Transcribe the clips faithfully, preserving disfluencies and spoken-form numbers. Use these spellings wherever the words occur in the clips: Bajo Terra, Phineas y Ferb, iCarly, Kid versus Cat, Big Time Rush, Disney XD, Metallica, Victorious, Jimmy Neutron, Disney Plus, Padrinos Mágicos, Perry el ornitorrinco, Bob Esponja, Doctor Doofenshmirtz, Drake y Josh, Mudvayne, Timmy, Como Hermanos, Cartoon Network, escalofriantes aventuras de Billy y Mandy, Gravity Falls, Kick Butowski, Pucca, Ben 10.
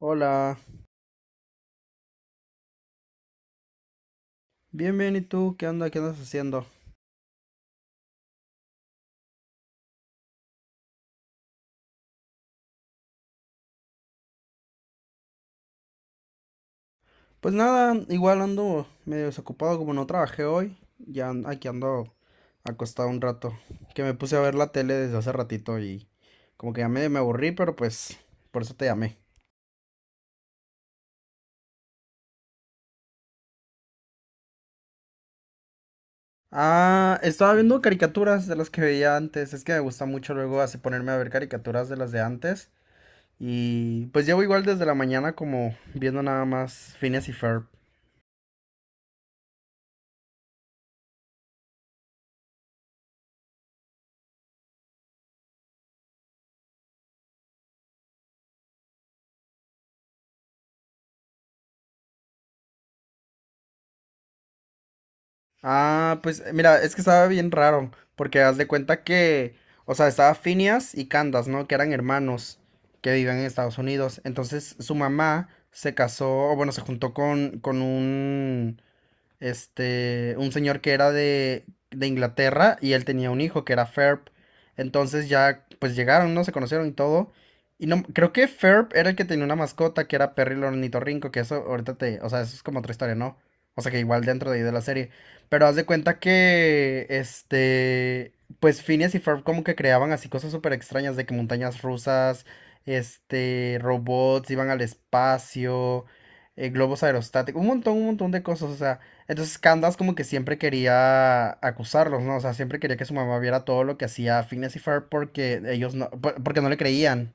Hola, bien, bien, ¿y tú? ¿Qué onda? ¿Qué andas haciendo? Pues nada, igual ando medio desocupado como no trabajé hoy, ya an- aquí ando acostado un rato, que me puse a ver la tele desde hace ratito y como que ya medio me aburrí, pero pues por eso te llamé. Ah, estaba viendo caricaturas de las que veía antes, es que me gusta mucho luego así ponerme a ver caricaturas de las de antes y pues llevo igual desde la mañana como viendo nada más Phineas y Ferb. Ah, pues eh, mira, es que estaba bien raro, porque haz de cuenta que, o sea, estaba Phineas y Candace, ¿no? Que eran hermanos que vivían en Estados Unidos. Entonces su mamá se casó, o bueno, se juntó con, con un, este, un señor que era de, de Inglaterra y él tenía un hijo que era Ferb. Entonces ya, pues llegaron, ¿no? Se conocieron y todo. Y no, creo que Ferb era el que tenía una mascota que era Perry el ornitorrinco, que eso ahorita te, o sea, eso es como otra historia, ¿no? O sea, que igual dentro de, ahí de la serie. Pero haz de cuenta que, este, pues Phineas y Ferb como que creaban así cosas súper extrañas de que montañas rusas, este, robots iban al espacio, eh, globos aerostáticos, un montón, un montón de cosas, o sea. Entonces Candace como que siempre quería acusarlos, ¿no? O sea, siempre quería que su mamá viera todo lo que hacía Phineas y Ferb porque ellos no, por- porque no le creían.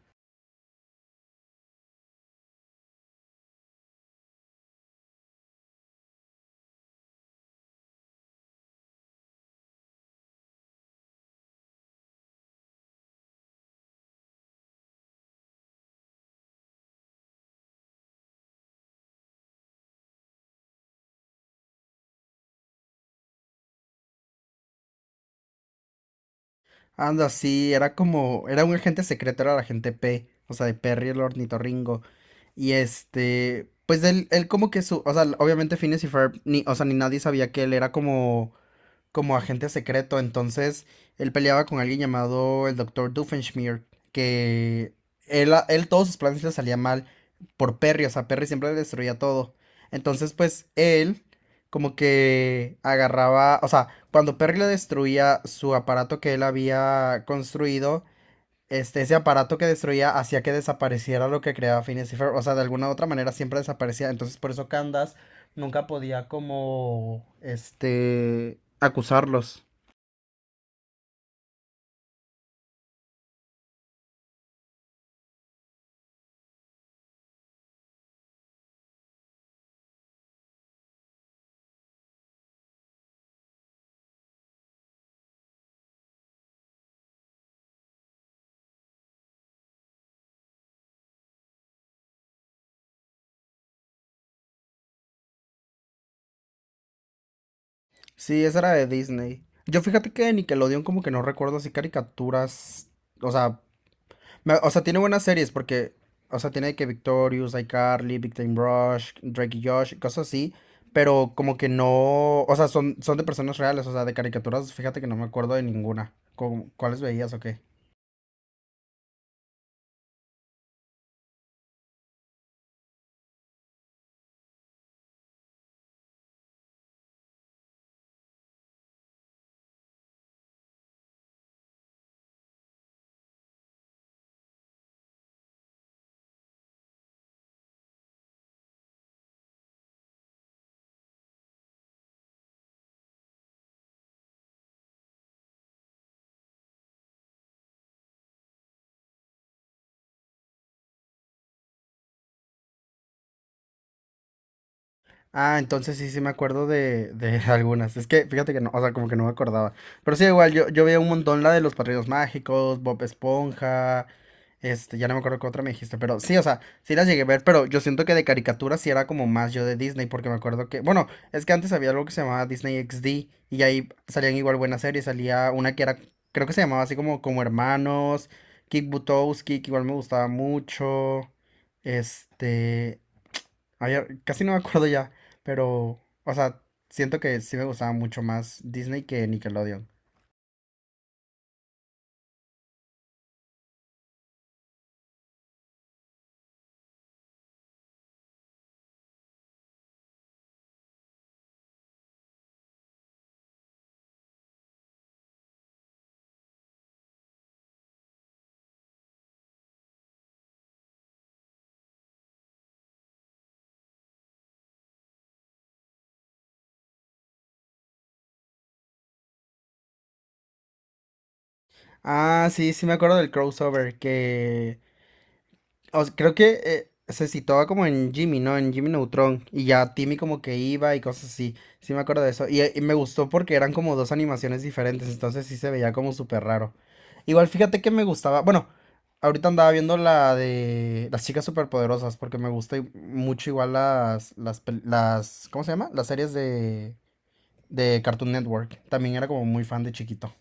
Anda, sí, era como, era un agente secreto, era el agente P, o sea, de Perry el ornitorrinco. Y este, pues él, él como que su, o sea, obviamente Phineas y Ferb, ni, o sea, ni nadie sabía que él era como como agente secreto. Entonces, él peleaba con alguien llamado el Doctor Doofenshmirtz, que él, él todos sus planes le salían mal por Perry, o sea, Perry siempre le destruía todo. Entonces, pues él como que agarraba, o sea, cuando Perry le destruía su aparato que él había construido, este, ese aparato que destruía hacía que desapareciera lo que creaba Phineas y Ferb. O sea, de alguna u otra manera siempre desaparecía. Entonces, por eso Candace nunca podía como, este, acusarlos. Sí, esa era de Disney. Yo fíjate que de Nickelodeon como que no recuerdo así caricaturas, o sea, Me- O sea, tiene buenas series porque, o sea, tiene que Victorious, iCarly, Big Time Rush, Drake y Josh, cosas así, pero como que no, o sea, son, son de personas reales, o sea, de caricaturas, fíjate que no me acuerdo de ninguna. ¿Cómo- ¿Cuáles veías o qué? Ah, entonces sí, sí me acuerdo de, de algunas. Es que fíjate que no, o sea, como que no me acordaba. Pero sí, igual, yo, yo veía un montón la de los Padrinos Mágicos, Bob Esponja, este, ya no me acuerdo qué otra me dijiste, pero sí, o sea, sí las llegué a ver, pero yo siento que de caricaturas sí era como más yo de Disney, porque me acuerdo que, bueno, es que antes había algo que se llamaba Disney X D y ahí salían igual buenas series, salía una que era, creo que se llamaba así como Como Hermanos, Kick Butowski, que igual me gustaba mucho, este... Ay, ya- casi no me acuerdo ya. Pero, o sea, siento que sí me gustaba mucho más Disney que Nickelodeon. Ah, sí, sí me acuerdo del crossover que o sea, creo que eh, se situaba como en Jimmy, ¿no? En Jimmy Neutron y ya Timmy como que iba y cosas así. Sí me acuerdo de eso y, eh, y me gustó porque eran como dos animaciones diferentes, entonces sí se veía como súper raro. Igual fíjate que me gustaba, bueno, ahorita andaba viendo la de las chicas superpoderosas porque me gusta i- mucho igual las las pel- las, ¿cómo se llama? Las series de de Cartoon Network. También era como muy fan de chiquito.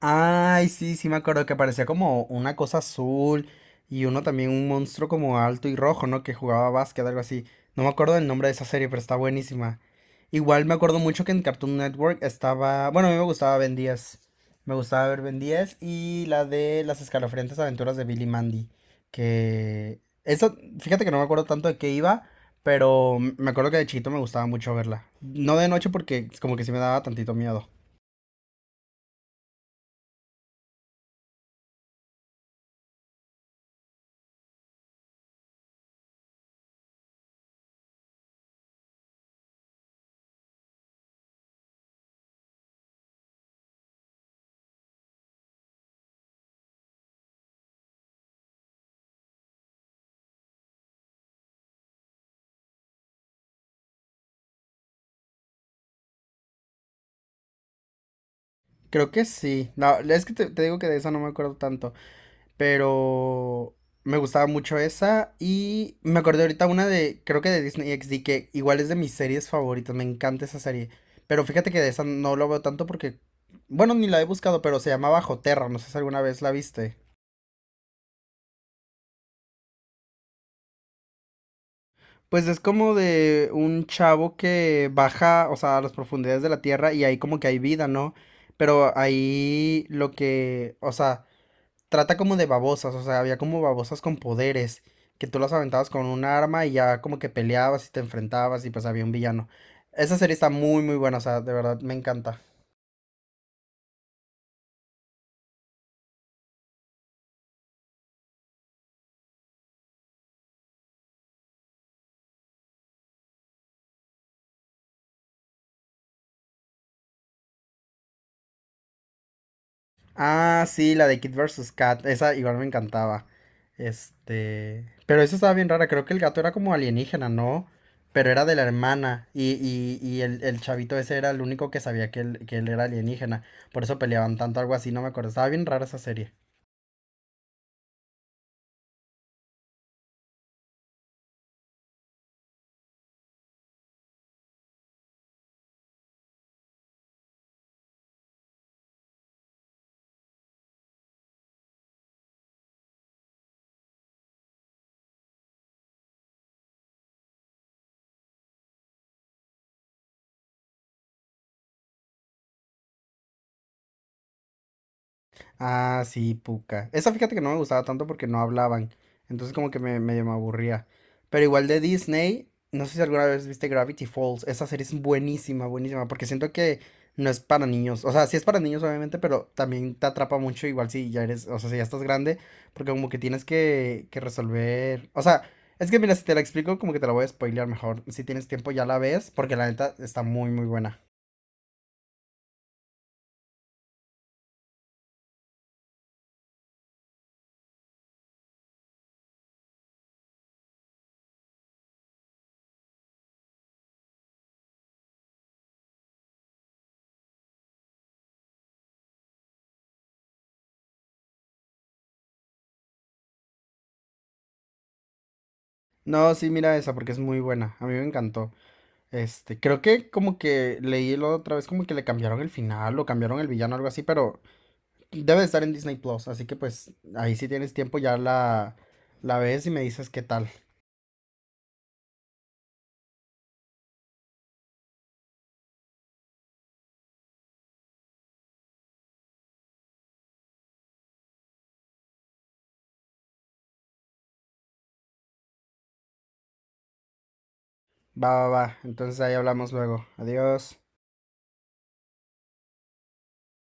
Ay, sí, sí me acuerdo que parecía como una cosa azul y uno también un monstruo como alto y rojo, ¿no? Que jugaba básquet, algo así. No me acuerdo del nombre de esa serie, pero está buenísima. Igual me acuerdo mucho que en Cartoon Network estaba, bueno, a mí me gustaba Ben diez. Me gustaba ver Ben diez y la de las escalofriantes aventuras de Billy y Mandy, que eso, fíjate que no me acuerdo tanto de qué iba, pero me acuerdo que de chiquito me gustaba mucho verla. No de noche porque como que sí me daba tantito miedo. Creo que sí. No, es que te, te digo que de esa no me acuerdo tanto, pero me gustaba mucho esa y me acordé ahorita una de, creo que de Disney X D, que igual es de mis series favoritas, me encanta esa serie. Pero fíjate que de esa no lo veo tanto porque, bueno, ni la he buscado, pero se llamaba Bajo Terra, no sé si alguna vez la viste. Pues es como de un chavo que baja, o sea, a las profundidades de la tierra y ahí como que hay vida, ¿no? Pero ahí lo que, o sea, trata como de babosas, o sea, había como babosas con poderes, que tú las aventabas con un arma y ya como que peleabas y te enfrentabas y pues había un villano. Esa serie está muy muy buena, o sea, de verdad me encanta. Ah, sí, la de Kid versus Cat, esa igual me encantaba. Este, pero esa estaba bien rara, creo que el gato era como alienígena, ¿no? Pero era de la hermana y, y- y el, el chavito ese era el único que sabía que él, que él era alienígena. Por eso peleaban tanto, algo así, no me acuerdo. Estaba bien rara esa serie. Ah, sí, Pucca. Esa fíjate que no me gustaba tanto porque no hablaban. Entonces como que me, medio me aburría. Pero igual de Disney, no sé si alguna vez viste Gravity Falls. Esa serie es buenísima, buenísima. Porque siento que no es para niños. O sea, sí es para niños obviamente, pero también te atrapa mucho igual si ya eres, o sea, si ya estás grande. Porque como que tienes que, que resolver. O sea, es que mira, si te la explico como que te la voy a spoilear mejor. Si tienes tiempo ya la ves porque la neta está muy, muy buena. No, sí, mira esa porque es muy buena. A mí me encantó. Este, creo que como que leí la otra vez como que le cambiaron el final o cambiaron el villano, algo así, pero debe de estar en Disney Plus, así que pues ahí si tienes tiempo ya la, la ves y me dices qué tal. Va, va, va. Entonces ahí hablamos luego. Adiós.